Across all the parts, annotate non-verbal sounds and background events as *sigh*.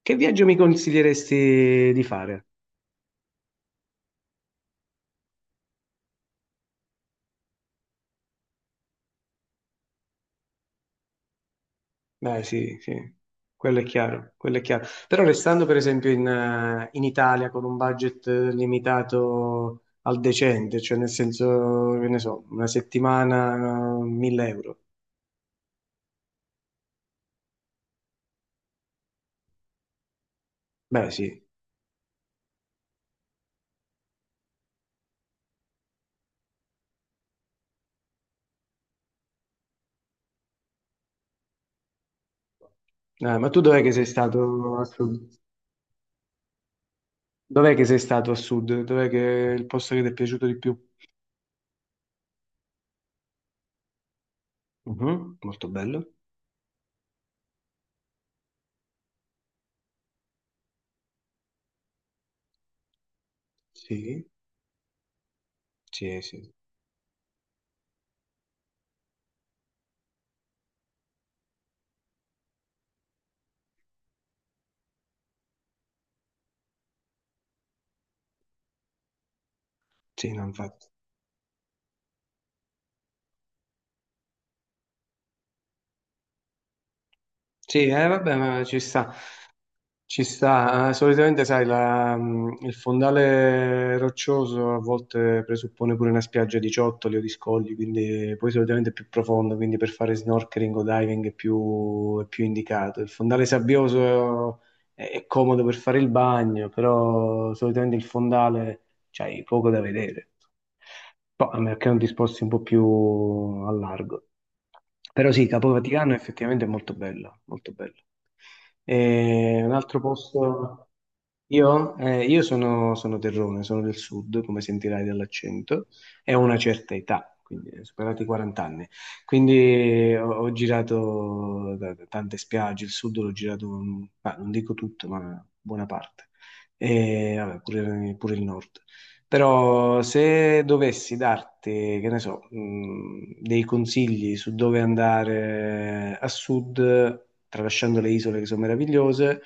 Che viaggio mi consiglieresti di fare? Beh, sì, sì, quello è chiaro, quello è chiaro. Però restando per esempio in Italia con un budget limitato al decente, cioè nel senso, che ne so, una settimana, 1.000 euro. Beh, sì. Ma tu dov'è che sei stato a sud? Dov'è che sei stato a sud? Dov'è che è il posto che ti è piaciuto di più? Mhm, molto bello. Sì, sì, sì. Sì, no, infatti. Sì, vabbè, ma ci sta. Ci sta, solitamente sai, il fondale roccioso a volte presuppone pure una spiaggia di ciottoli o di scogli, quindi poi solitamente è più profondo, quindi per fare snorkeling o diving è più indicato. Il fondale sabbioso è comodo per fare il bagno, però solitamente il fondale c'hai poco da vedere. Poi, a meno che non ti sposti un po' più a largo. Però sì, Capo Vaticano effettivamente è effettivamente molto bella, molto bella. E un altro posto. Io sono terrone, sono del sud, come sentirai dall'accento, e ho una certa età, quindi superati i 40 anni. Quindi ho girato da tante spiagge, il sud l'ho girato, ma non dico tutto, ma buona parte. E vabbè, pure pure il nord. Però se dovessi darti, che ne so, dei consigli su dove andare a sud, tralasciando le isole che sono meravigliose,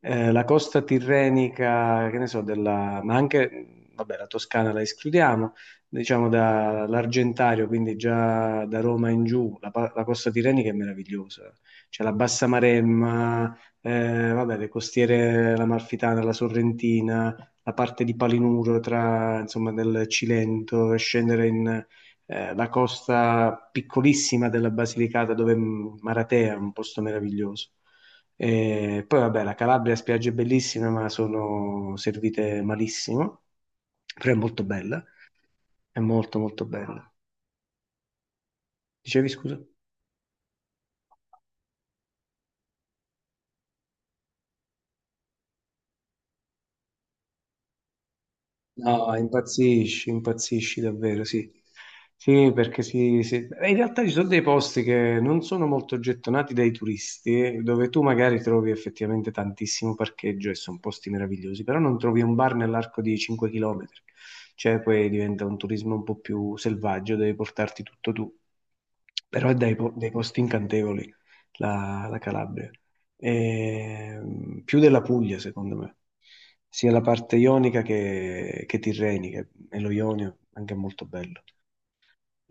la costa tirrenica, che ne so, ma anche, vabbè, la Toscana la escludiamo, diciamo dall'Argentario, quindi già da Roma in giù, la costa tirrenica è meravigliosa. C'è la Bassa Maremma, vabbè, le costiere, l'Amalfitana, la Sorrentina, la parte di Palinuro tra, insomma, del Cilento e scendere in, la costa piccolissima della Basilicata dove Maratea è un posto meraviglioso. E poi vabbè, la Calabria ha spiagge bellissime, ma sono servite malissimo, però è molto bella, è molto molto bella. Dicevi scusa? No, impazzisci, impazzisci davvero, sì. Sì, perché sì, sì. In realtà ci sono dei posti che non sono molto gettonati dai turisti, dove tu magari trovi effettivamente tantissimo parcheggio e sono posti meravigliosi, però non trovi un bar nell'arco di 5 km. Cioè, poi diventa un turismo un po' più selvaggio, devi portarti tutto tu. Però è dai, dei posti incantevoli la Calabria. Più della Puglia, secondo me, sia la parte ionica che tirrenica, e lo Ionio anche è molto bello.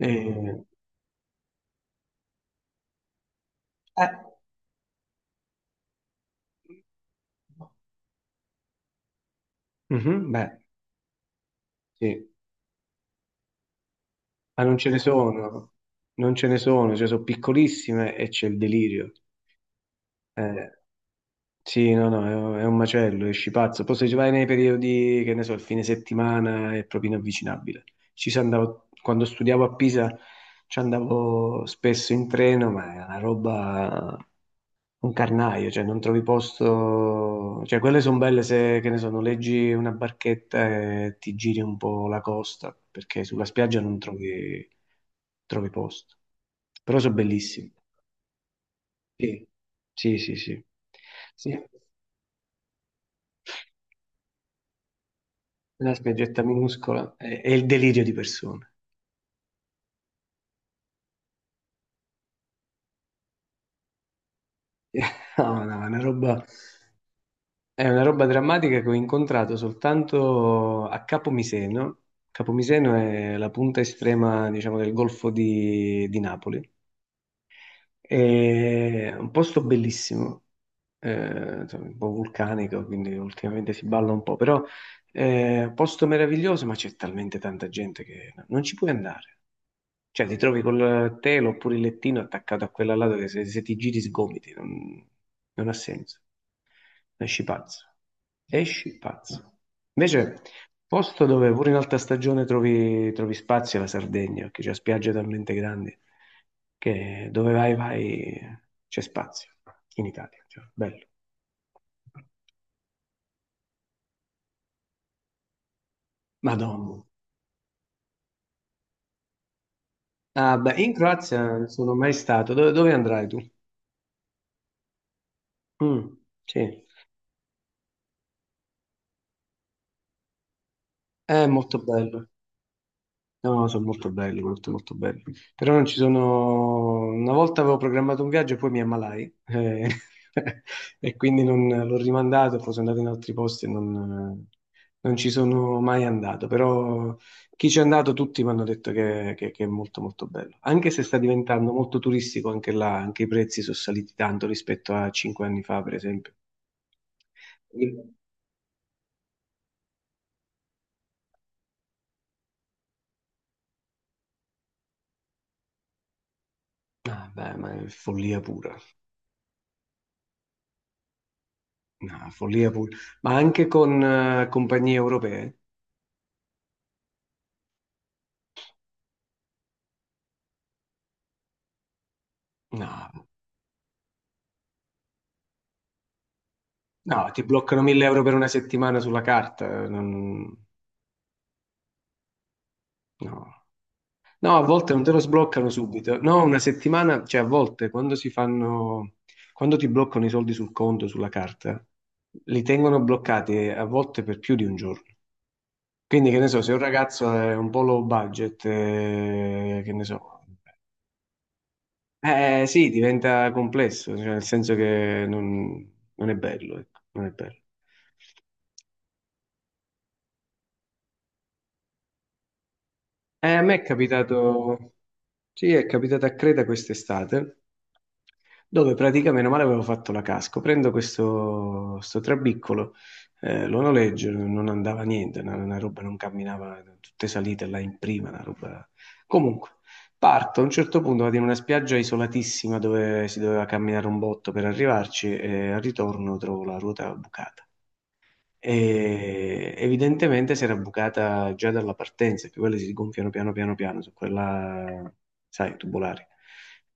Eh, eh, mhm, beh, sì, ma non ce ne sono, non ce ne sono, cioè sono piccolissime e c'è il delirio. Eh, Sì, no, no, è un macello, esci pazzo. Poi se ci vai nei periodi, che ne so, il fine settimana è proprio inavvicinabile. Ci si andavo, quando studiavo a Pisa ci andavo spesso in treno, ma è una roba, un carnaio, cioè non trovi posto. Cioè quelle sono belle se, che ne so, noleggi una barchetta e ti giri un po' la costa, perché sulla spiaggia non trovi, trovi posto. Però sono bellissimi. Sì, sì, sì, sì. Sì. Una spiaggetta minuscola, è il delirio di persone. *laughs* No, no, è una roba drammatica che ho incontrato soltanto a Capomiseno. Capomiseno è la punta estrema, diciamo, del Golfo di Napoli. È un posto bellissimo, insomma, un po' vulcanico, quindi ultimamente si balla un po', però posto meraviglioso, ma c'è talmente tanta gente che no, non ci puoi andare. Cioè, ti trovi col telo oppure il lettino attaccato a quella lato che se ti giri sgomiti, non ha senso. Esci pazzo. Esci pazzo. Invece, posto dove pure in alta stagione trovi, trovi spazi è la Sardegna, che c'è spiagge talmente grandi che dove vai, vai, c'è spazio in Italia. Cioè, bello. Madonna. Ah, beh, in Croazia non sono mai stato. Dove andrai tu? Mm, sì, è molto bello. No, sono molto belli, molto molto belli. Però non ci sono. Una volta avevo programmato un viaggio e poi mi ammalai. *laughs* E quindi non l'ho rimandato, poi sono andato in altri posti e non ci sono mai andato. Però chi ci è andato tutti mi hanno detto che è molto molto bello. Anche se sta diventando molto turistico anche là, anche i prezzi sono saliti tanto rispetto a 5 anni fa, per esempio. Ah, beh, ma è follia pura. No, follia pura. Ma anche con compagnie europee? No, no, ti bloccano 1.000 euro per una settimana sulla carta. No. No, a volte non te lo sbloccano subito. No, una settimana, cioè a volte quando si fanno, quando ti bloccano i soldi sul conto, sulla carta, li tengono bloccati a volte per più di un giorno. Quindi, che ne so, se un ragazzo è un po' low budget, che ne so. Sì, diventa complesso, cioè, nel senso che non è bello, ecco, non è bello. A me è capitato, sì, è capitato a Creta quest'estate, dove praticamente, meno male, avevo fatto la casco. Prendo questo, sto trabiccolo, lo noleggio, non andava niente, una roba non camminava, tutte salite là in prima, una roba. Comunque, parto, a un certo punto vado in una spiaggia isolatissima dove si doveva camminare un botto per arrivarci e al ritorno trovo la ruota bucata e evidentemente si era bucata già dalla partenza, che quelle si gonfiano piano piano piano su quella, sai, tubolare.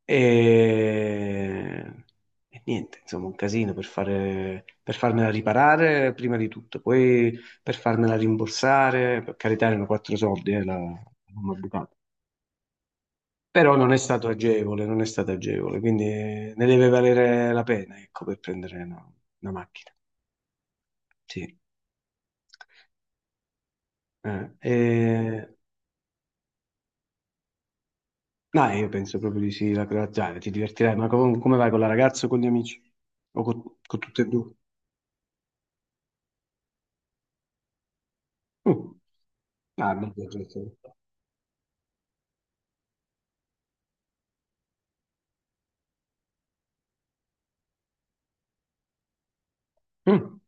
E, e niente, insomma, un casino per farmela riparare prima di tutto, poi per farmela rimborsare, per carità erano quattro soldi, la gomma bucata. Però non è stato agevole, non è stato agevole, quindi ne deve valere la pena, ecco, per prendere una macchina. Sì. Eh, e- No, io penso proprio di sì, la croaziana, ti divertirai, ma come vai con la ragazza o con gli amici? O con tutte e due? Mm. Ah, beh, beh, beh, beh. Mm.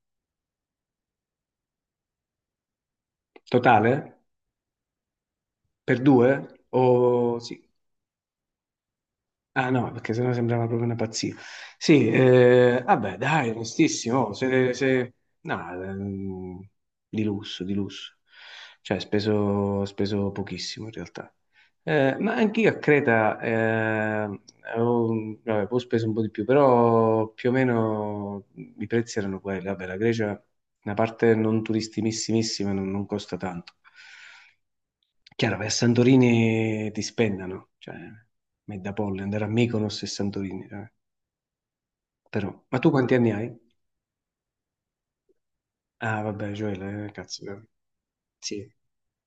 Totale? Per due? O sì. Ah no, perché sennò sembrava proprio una pazzia. Sì, vabbè, dai, onestissimo, no, di lusso, di lusso. Cioè, speso pochissimo in realtà. Ma anch'io a Creta avevo, vabbè, poi ho speso un po' di più, però più o meno i prezzi erano quelli. Vabbè, la Grecia, una parte non turistimissima non costa tanto. Chiaro, vai a Santorini ti spennano, cioè, Medapolli, andare a Mykonos e Santorini. Però, ma tu quanti anni hai? Ah, vabbè, Gioele, cazzo. Sì.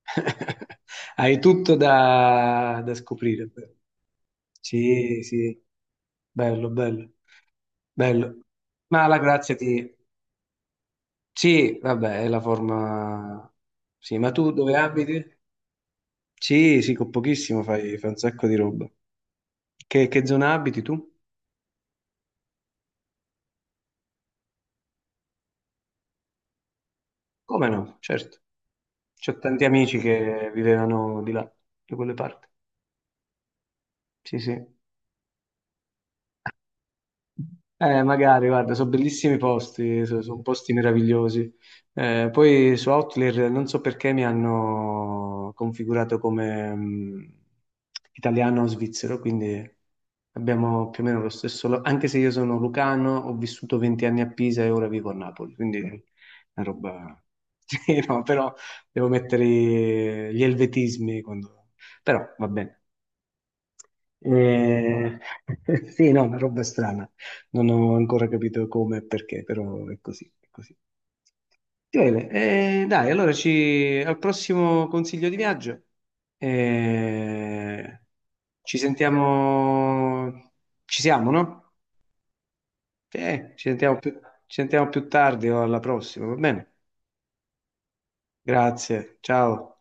*laughs* Hai tutto da scoprire, però. Sì, sì, bello, bello, bello. Ma la grazia ti. Sì, vabbè, è la forma. Sì, ma tu dove abiti? Sì, sì, con pochissimo fai, un sacco di roba. Che zona abiti tu? Come no? Certo. C'ho tanti amici che vivevano di là, da quelle parti. Sì, sì. Magari, guarda, sono bellissimi posti, posti meravigliosi. Poi su Outlier non so perché mi hanno configurato come italiano o svizzero, quindi abbiamo più o meno lo stesso. Anche se io sono lucano, ho vissuto 20 anni a Pisa e ora vivo a Napoli, quindi è una roba. *laughs* Sì, no, però devo mettere gli elvetismi quando. Però va bene. Eh, *laughs* sì, no, una roba strana. Non ho ancora capito come e perché, però è così, è così. Bene, dai, allora ci. Al prossimo consiglio di viaggio. Eh, ci sentiamo. Ci siamo, no? Ci sentiamo più tardi o alla prossima, va bene? Grazie, ciao.